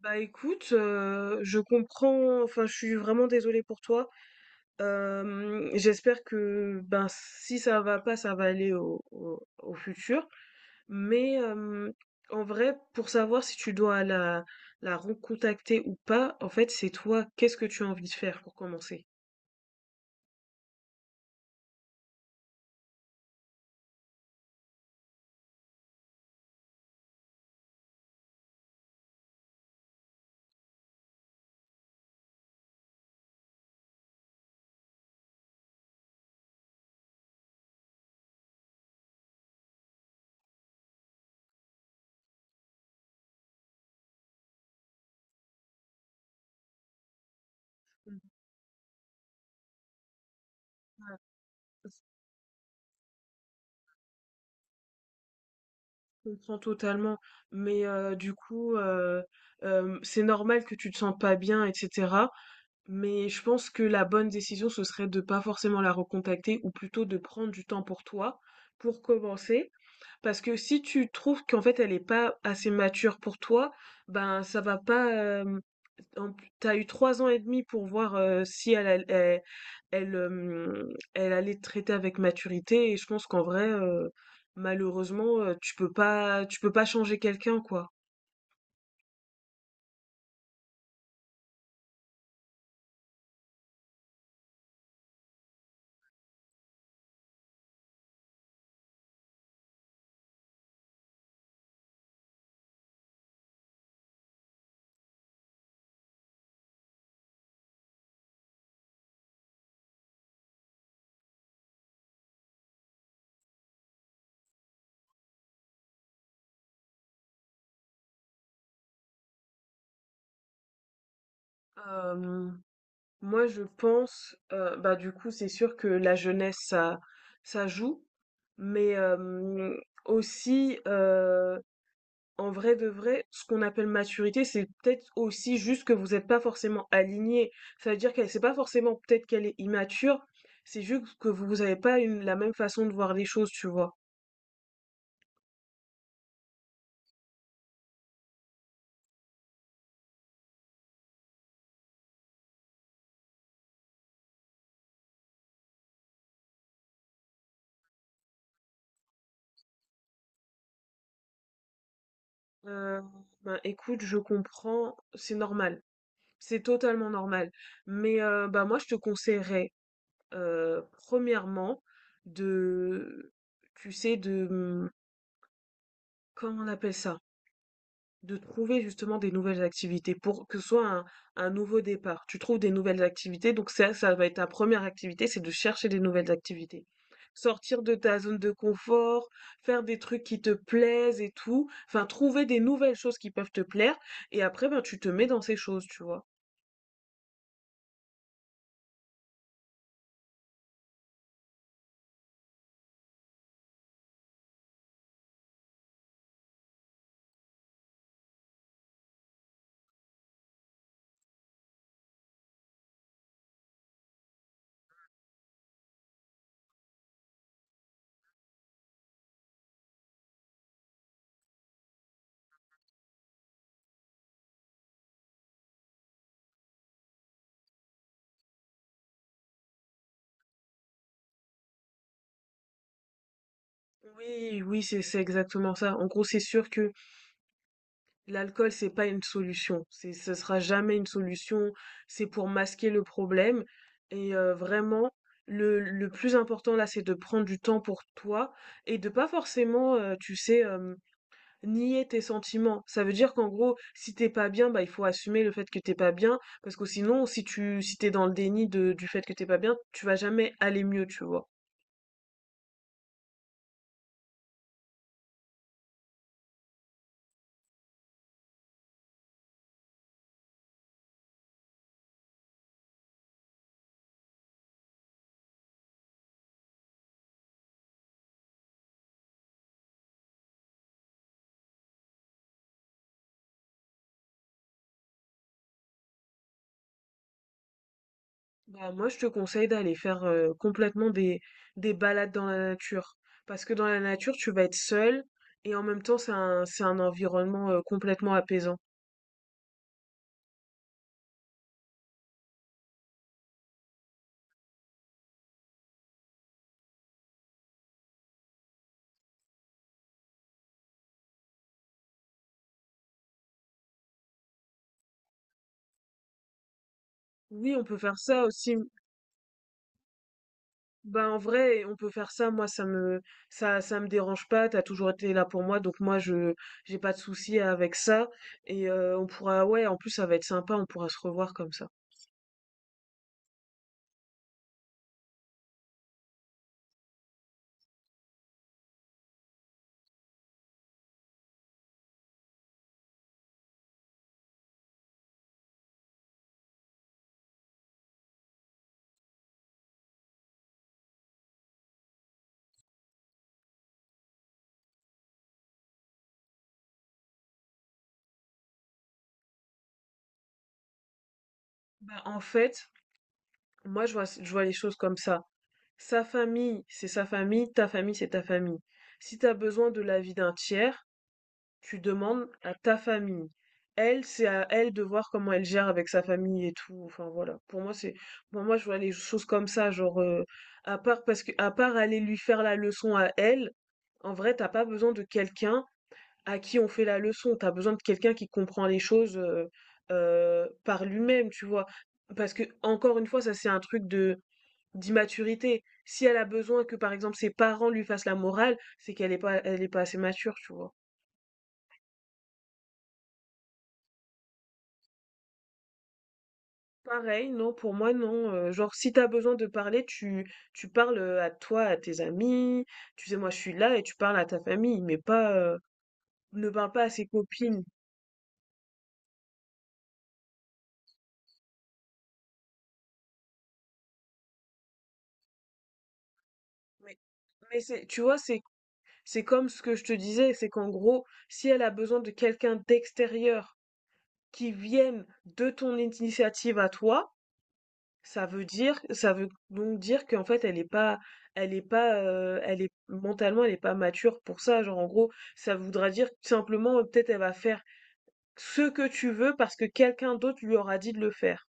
Bah écoute, je comprends enfin, je suis vraiment désolée pour toi. J'espère que, ben, si ça va pas, ça va aller au futur. Mais, en vrai, pour savoir si tu dois la recontacter ou pas, en fait, c'est toi, qu'est-ce que tu as envie de faire pour commencer? Mmh, ouais, je comprends totalement. Mais, du coup, c'est normal que tu te sens pas bien etc. Mais je pense que la bonne décision, ce serait de pas forcément la recontacter ou plutôt de prendre du temps pour toi, pour commencer. Parce que si tu trouves qu'en fait elle est pas assez mature pour toi, ben ça va pas. En T'as eu 3 ans et demi pour voir si elle allait te traiter avec maturité. Et je pense qu'en vrai, malheureusement, tu peux pas changer quelqu'un, quoi. Euh, Moi, je pense, bah, du coup, c'est sûr que la jeunesse, ça joue, mais aussi, en vrai de vrai, ce qu'on appelle maturité, c'est peut-être aussi juste que vous êtes pas forcément alignés. Ça veut dire qu'elle c'est pas forcément peut-être qu'elle est immature, c'est juste que vous avez pas une la même façon de voir les choses, tu vois? Heu, bah, écoute, je comprends, c'est normal. C'est totalement normal. Mais bah, moi je te conseillerais, premièrement de tu sais de, mmh, comment on appelle ça? De trouver justement des nouvelles activités pour que ce soit un nouveau départ. Tu trouves des nouvelles activités, donc ça va être ta première activité, c'est de chercher des nouvelles activités. Sortir de ta zone de confort, faire des trucs qui te plaisent et tout, enfin trouver des nouvelles choses qui peuvent te plaire et après, ben, tu te mets dans ces choses, tu vois? Oui, oui, c'est exactement ça. En gros, c'est sûr que l'alcool, c'est pas une solution. C'est, ce sera jamais une solution. C'est pour masquer le problème. Et vraiment, le plus important là, c'est de prendre du temps pour toi et de pas forcément, tu sais, nier tes sentiments. Ça veut dire qu'en gros, si t'es pas bien, bah il faut assumer le fait que t'es pas bien, parce que sinon, si t'es dans le déni de, du fait que t'es pas bien, tu vas jamais aller mieux, tu vois. Bah, moi, je te conseille d'aller faire complètement des balades dans la nature. Parce que dans la nature, tu vas être seul et en même temps, c'est un environnement complètement apaisant. Oui, on peut faire ça aussi. Bah, en vrai, on peut faire ça. Ça me dérange pas. T'as toujours été là pour moi. Donc, j'ai pas de souci avec ça. Et on pourra, ouais, en plus, ça va être sympa. On pourra se revoir comme ça. Bah, en fait, moi, je vois les choses comme ça. Sa famille, c'est sa famille, ta famille, c'est ta famille. Si tu as besoin de l'avis d'un tiers, tu demandes à ta famille. Elle, c'est à elle de voir comment elle gère avec sa famille et tout. Enfin voilà. Pour moi, c'est pour moi je vois les choses comme ça, genre à part parce que à part aller lui faire la leçon à elle, en vrai, t'as pas besoin de quelqu'un à qui on fait la leçon. T'as besoin de quelqu'un qui comprend les choses par lui-même, tu vois. Parce que encore une fois, ça c'est un truc de d'immaturité. Si elle a besoin que, par exemple, ses parents lui fassent la morale, c'est qu'elle est pas, elle est pas assez mature, tu vois. Pareil, non, pour moi, non. Genre, si t'as besoin de parler, tu parles à toi, à tes amis. Tu sais, moi, je suis là et tu parles à ta famille, mais pas, ne parle pas à ses copines. Mais, mais c'est, tu vois, c'est comme ce que je te disais, c'est qu'en gros, si elle a besoin de quelqu'un d'extérieur qui vienne de ton initiative à toi, ça veut donc dire qu'en fait elle est pas, elle est mentalement elle est pas mature pour ça. Genre en gros, ça voudra dire simplement, peut-être elle va faire ce que tu veux parce que quelqu'un d'autre lui aura dit de le faire.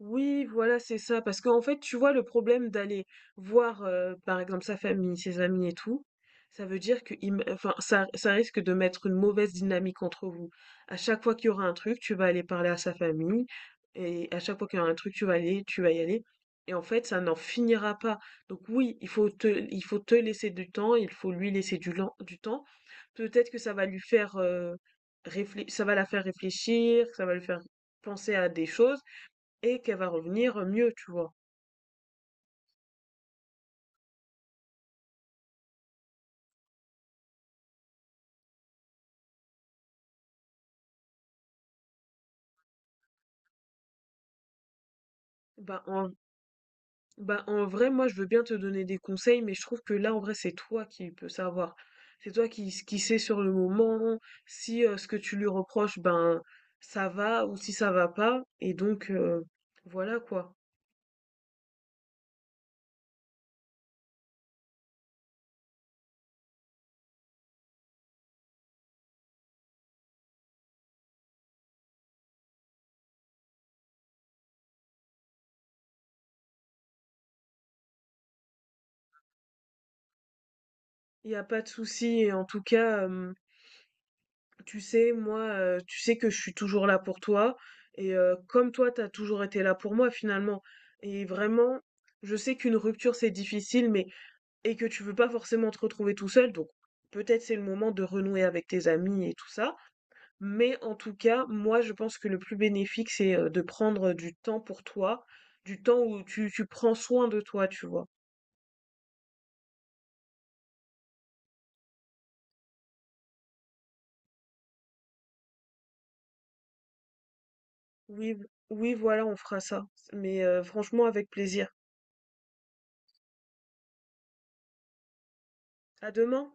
Oui, voilà, c'est ça. Parce qu'en fait, tu vois, le problème d'aller voir, par exemple, sa famille, ses amis et tout, ça veut dire que ça risque de mettre une mauvaise dynamique entre vous. À chaque fois qu'il y aura un truc, tu vas aller parler à sa famille et à chaque fois qu'il y aura un truc, tu vas y aller et en fait, ça n'en finira pas. Donc oui, il faut te laisser du temps, il faut lui laisser du temps. Peut-être que ça va lui faire, réflé ça va la faire réfléchir, ça va lui faire penser à des choses et qu'elle va revenir mieux, tu vois? Bah en, bah en vrai, moi je veux bien te donner des conseils, mais je trouve que là en vrai c'est toi qui peux savoir. Qui sais sur le moment si ce que tu lui reproches, ben ça va ou si ça va pas. Et donc voilà quoi. Il n'y a pas de souci. Et en tout cas, tu sais, moi, tu sais que je suis toujours là pour toi. Et comme toi, t'as toujours été là pour moi finalement. Et vraiment, je sais qu'une rupture c'est difficile, mais et que tu veux pas forcément te retrouver tout seul, donc peut-être c'est le moment de renouer avec tes amis et tout ça. Mais en tout cas, moi, je pense que le plus bénéfique, c'est de prendre du temps pour toi, du temps où tu prends soin de toi, tu vois. Oui, oui, voilà, on fera ça. Mais franchement, avec plaisir. À demain.